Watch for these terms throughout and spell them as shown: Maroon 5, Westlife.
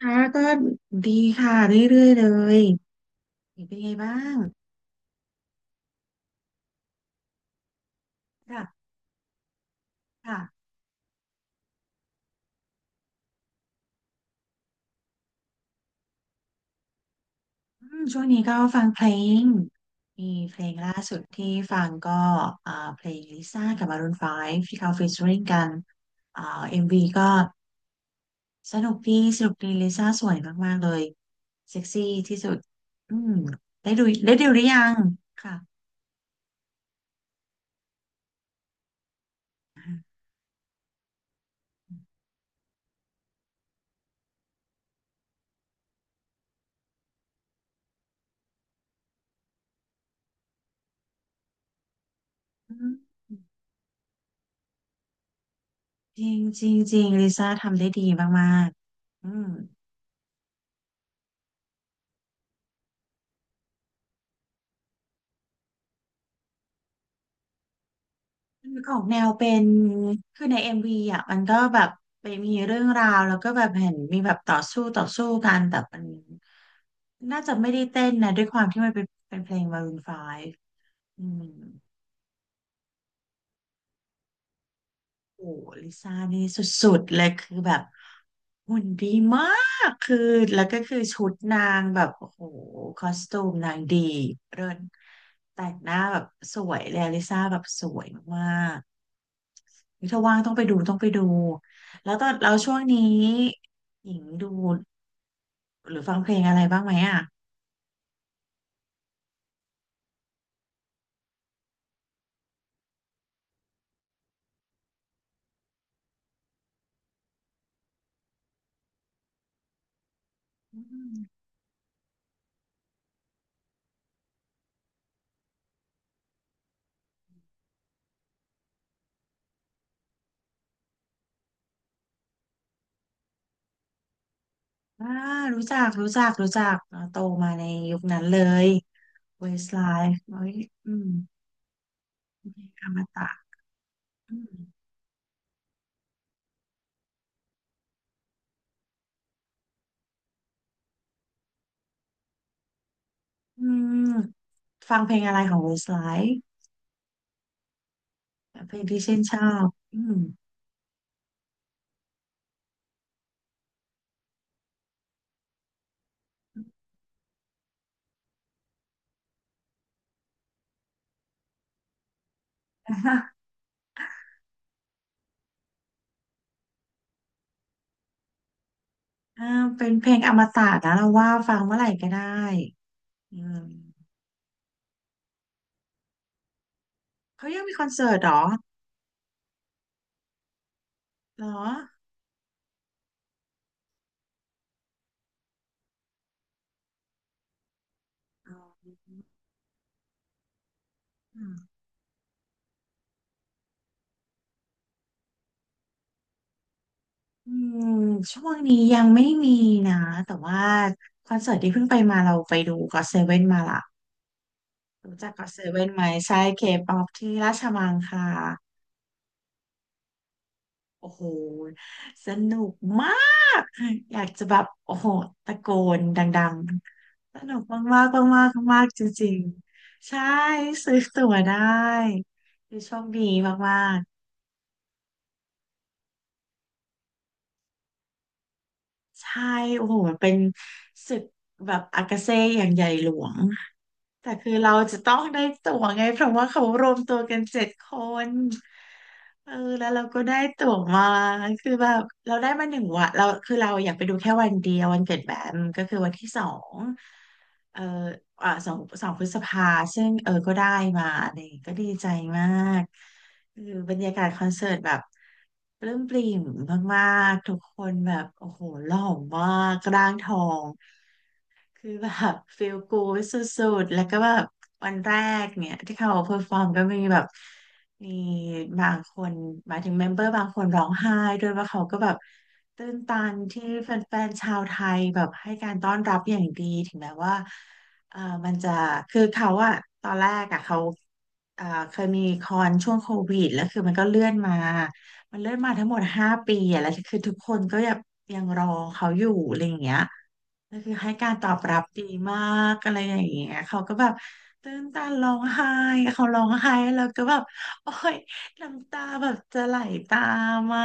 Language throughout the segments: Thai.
ค่ะก็ดีค่ะเรื่อยๆเลยเป็นไงบ้างค่ะค่ะช่วงนี้ก็ฟังเพลงมีเพลงล่าสุดที่ฟังก็เพลงลิซ่ากับ Maroon 5ที่เขาฟีเจอริ่งกันอ่าเอ็มวีก็สนุกดีสนุกดีลิซ่าสวยมากๆเลยเซ็กซี่ที่สุดอืมได้ดูได้ดูหรือยังค่ะอืมจริงจริงจริงลิซ่าทำได้ดีมากๆอืม มันออกแนวเป็น คือในเอ็มวีอ่ะมันก็แบบไปมีเรื่องราว แล้วก็แบบเห็นมีแบบต่อสู้ต่อสู้กัน แต่มันน่าจะไม่ได้เต้นนะ ด้วยความที่มันเป็นเพลง Maroon 5อืมโอ้ลิซ่านี่สุดๆเลยคือแบบหุ่นดีมากคือแล้วก็คือชุดนางแบบโอ้โหคอสตูมนางดีเรินแต่งหน้าแบบสวยเลยลิซ่าแบบสวยมาก ถ้าว่างต้องไปดูต้องไปดูแล้วตอนเราช่วงนี้หญิงดูหรือฟังเพลงอะไรบ้างไหมอ่ะอืมอ่ารู้จักรู้จักรู้จักเนอะโตมาในยุคนั้นเลย Westlife เอ้ยอืมเพลงอมตะอืมอืมฟังเพลงอะไรของ Westlife เพลงที่ชื่นชอบอืม อ่าเป็นเพลงอมตะนะเราว่าฟังเมื่อไหร่ก็ได้อืมเขายังมีคอนเสิร์ตเหรอเหรออ๋อ อืมช่วงนี้ยังไม่มีนะแต่ว่าคอนเสิร์ตที่เพิ่งไปมาเราไปดูก็เซเว่นมาละรู้จักก็เซเว่นไหมใช่เคป๊อปที่ราชมังคลาโอ้โหสนุกมากอยากจะแบบโอ้โหตะโกนดังๆสนุกมากมากมากมากๆจริงๆใช่ซื้อตั๋วได้คือโชคดีมากๆใช่โอ้โหมันเป็นศึกแบบอากาเซ่อย่างใหญ่หลวง แต่คือเราจะต้องได้ตั๋วไงเพราะว่าเขารวมตัวกัน7 คนเออแล้วเราก็ได้ตั๋วมาคือแบบเราได้มาหนึ่งวันเราคือเราอยากไปดูแค่วันเดียววันเกิดแบมก็คือวันที่สองเออสอง2 พฤษภาซึ่งเออก็ได้มาเนี่ยก็ดีใจมากคือบรรยากาศคอนเสิร์ตแบบปลื้มปริ่มมากๆทุกคนแบบโอ้โหหล่อมากร่างทอง คือแบบฟีลกูดสุดๆแล้วก็แบบวันแรกเนี่ยที่เขาเพอร์ฟอร์มก็มีแบบมีบางคนหมายถึงเมมเบอร์บางคนร้องไห้ด้วยว่าเขาก็แบบตื้นตันที่แฟนๆชาวไทยแบบให้การต้อนรับอย่างดีถึงแม้ว่าเอ่อมันจะคือเขาอะตอนแรกอะเขาเอ่อเคยมีคอนช่วงโควิดแล้วคือมันก็เลื่อนมามันเลื่อนมาทั้งหมด5 ปีอะแล้วคือทุกคนก็ยังยังรอเขาอยู่อะไรอย่างเงี้ย ก็คือให้การตอบรับดีมากอะไรอย่างเงี้ยเขาก็แบบตื้นตันร้องไห้เขาร้องไห้แล้วก็แบบโอ้ยน้ำตาแบบจะไหลตามอ่ะ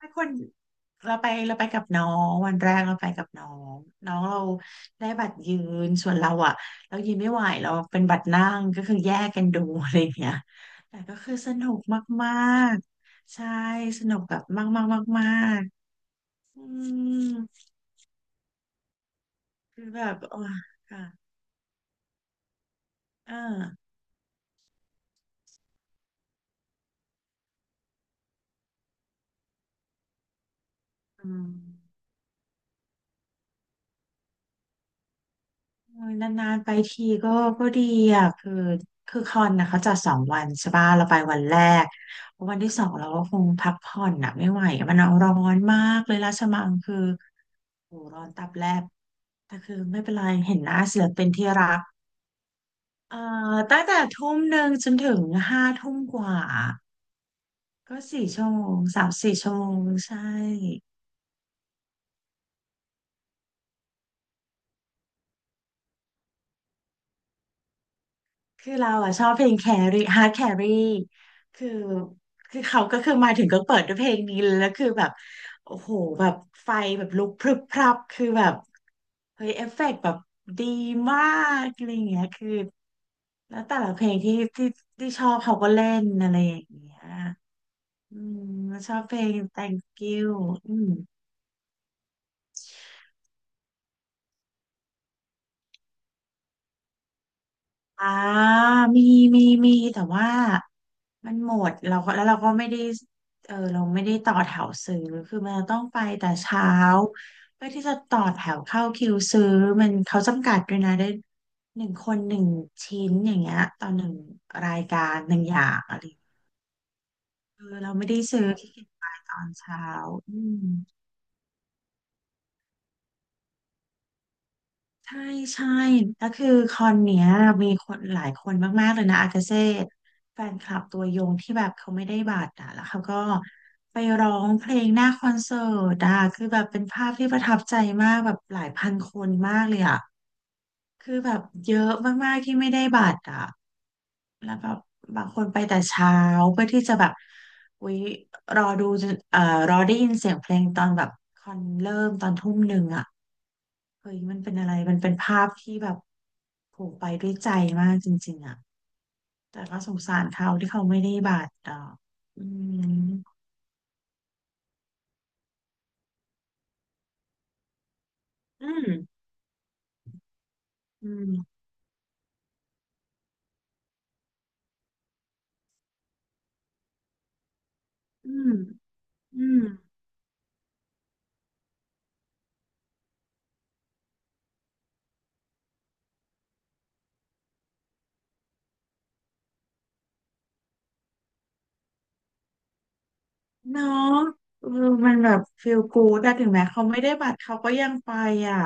ถ้าคนเราไปเราไปกับน้องวันแรกเราไปกับน้องน้องเราได้บัตรยืนส่วนเราอ่ะเรายืนไม่ไหวเราเป็นบัตรนั่งก็คือแยกกันดูอะไรอย่างเงี้ยแต่ก็คือสนุกมากๆใช่สนุกแบบมากๆมากๆอืมคือแบบโอ้ยค่ะ อ่าอืมโอยนานๆไปทีก็ก็ดีอ่ะคือคือคอนนะเขาจัดสองวันใช่ป่ะเราไปวันแรกวันที่สองเราก็คงพักผ่อนอ่ะไม่ไหวอะมันเอาร้อนมากเลยราชมังคือโหร้อนตับแลบแต่คือไม่เป็นไรเห็นหน้าศิลปินที่รักเอ่ตั้งแต่ทุ่มหนึ่งจนถึงห้าทุ่มกว่าก็สี่ชั่วโมงสามสี่ชั่วโมงใช่ คือเราอะชอบเพลงแครี่ฮาร์ดแครี่คือคือเขาก็คือมาถึงก็เปิดด้วยเพลงนี้เลยแล้วคือแบบโอ้โหแบบไฟแบบลุกพรึบพรับคือแบบเฮ้ยเอฟเฟกต์แบบดีมากอะไรอย่างเงี้ยคือแล้วแต่ละเพลงที่ที่ชอบเขาก็เล่นอะไรอย่างเงี้ยอืมชอบเพลง Thank you อืม อ่ามีมีแต่ว่ามันหมดเราก็แล้วเราก็ไม่ได้เออเราไม่ได้ต่อแถวซื้อคือมันต้องไปแต่เช้าเพื่อที่จะต่อแถวเข้าคิวซื้อมันเขาจำกัดด้วยนะได้หนึ่งคนหนึ่งชิ้นอย่างเงี้ยต่อหนึ่งรายการหนึ่งอย่างอะไรเออเราไม่ได้ซื้อขี้เกียจไปตอนเช้าอืม ใช่ใช่แล้วคือคอนเนี้ยมีคนหลายคนมากๆเลยนะอากาเซ่แฟนคลับตัวยงที่แบบเขาไม่ได้บัตรอ่ะแล้วเขาก็ไปร้องเพลงหน้าคอนเสิร์ตอ่ะคือแบบเป็นภาพที่ประทับใจมากแบบหลายพันคนมากเลยอ่ะคือแบบเยอะมากๆที่ไม่ได้บัตรอ่ะแล้วแบบบางคนไปแต่เช้าเพื่อที่จะแบบอุ๊ยรอดูจนรอได้ยินเสียงเพลงตอนแบบคอนเริ่มตอนทุ่มหนึ่งอ่ะ เฮ้ยมันเป็นอะไรมันเป็นภาพที่แบบโผล่ไปด้วยใจมากจริงๆอ่ะแต่ก็สงสารเขาที่เขาไม่ได้บาดอืมอืมอืมอืมอืมเนาะเออมันแบบฟีลกู๊ดอะถึงแม้เขาไม่ได้บัตรเขาก็ยังไปอ่ะ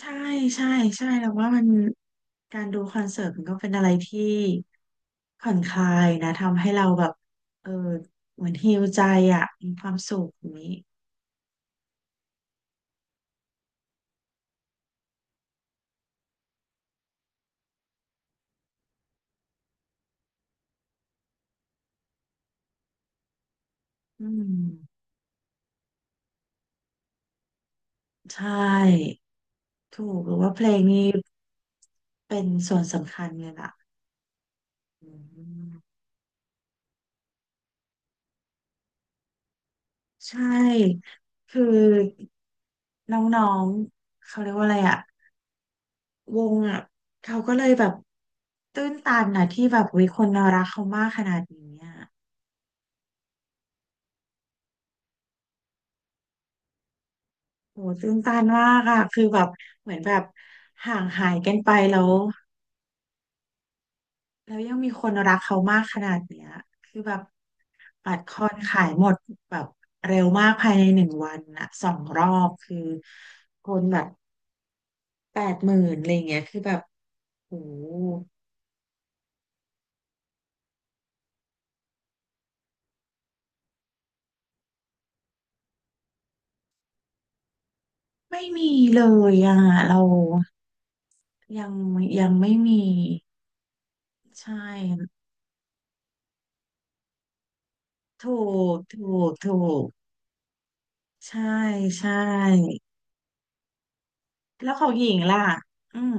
ใช่ใช่ใช่แล้วว่ามันการดูคอนเสิร์ตมันก็เป็นอะไรที่ผ่อนคลายนะทำให้เราแบบเออเหมือนฮีลใจอ่ะมีความสุขอย่างนี้อืม ใช่ถูกหรือว่าเพลงนี้เป็นส่วนสำคัญเลยล่ะอืมใช่คือน้องๆเขาเรียกว่าอะไรอะวงอะเขาก็เลยแบบตื้นตันนะที่แบบวิคนรักเขามากขนาดนี้อะโหตื้นตันมากอะคือแบบเหมือนแบบห่างหายกันไปแล้วแล้วยังมีคนรักเขามากขนาดเนี้ยคือแบบ บัตรคอนขายหมดแบบเร็วมากภายในหนึ่งวันอะสองรอบคือคนแบบ80,000อะไรเงี้ยคือแบบโหไม่มีเลยอ่ะเรายังยังไม่มีใช่ถูกถูกถูกใช่ใช่แล้วของหญิงล่ะอืม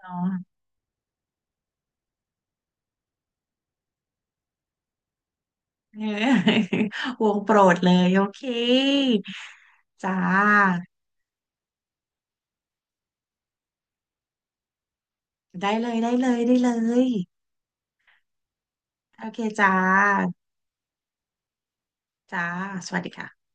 เนาะ เออวงโปรดเลยโอเคจ้าได้เลยได้เลยได้เลยโอเคจ้า จ้าสวัสดีค่ะ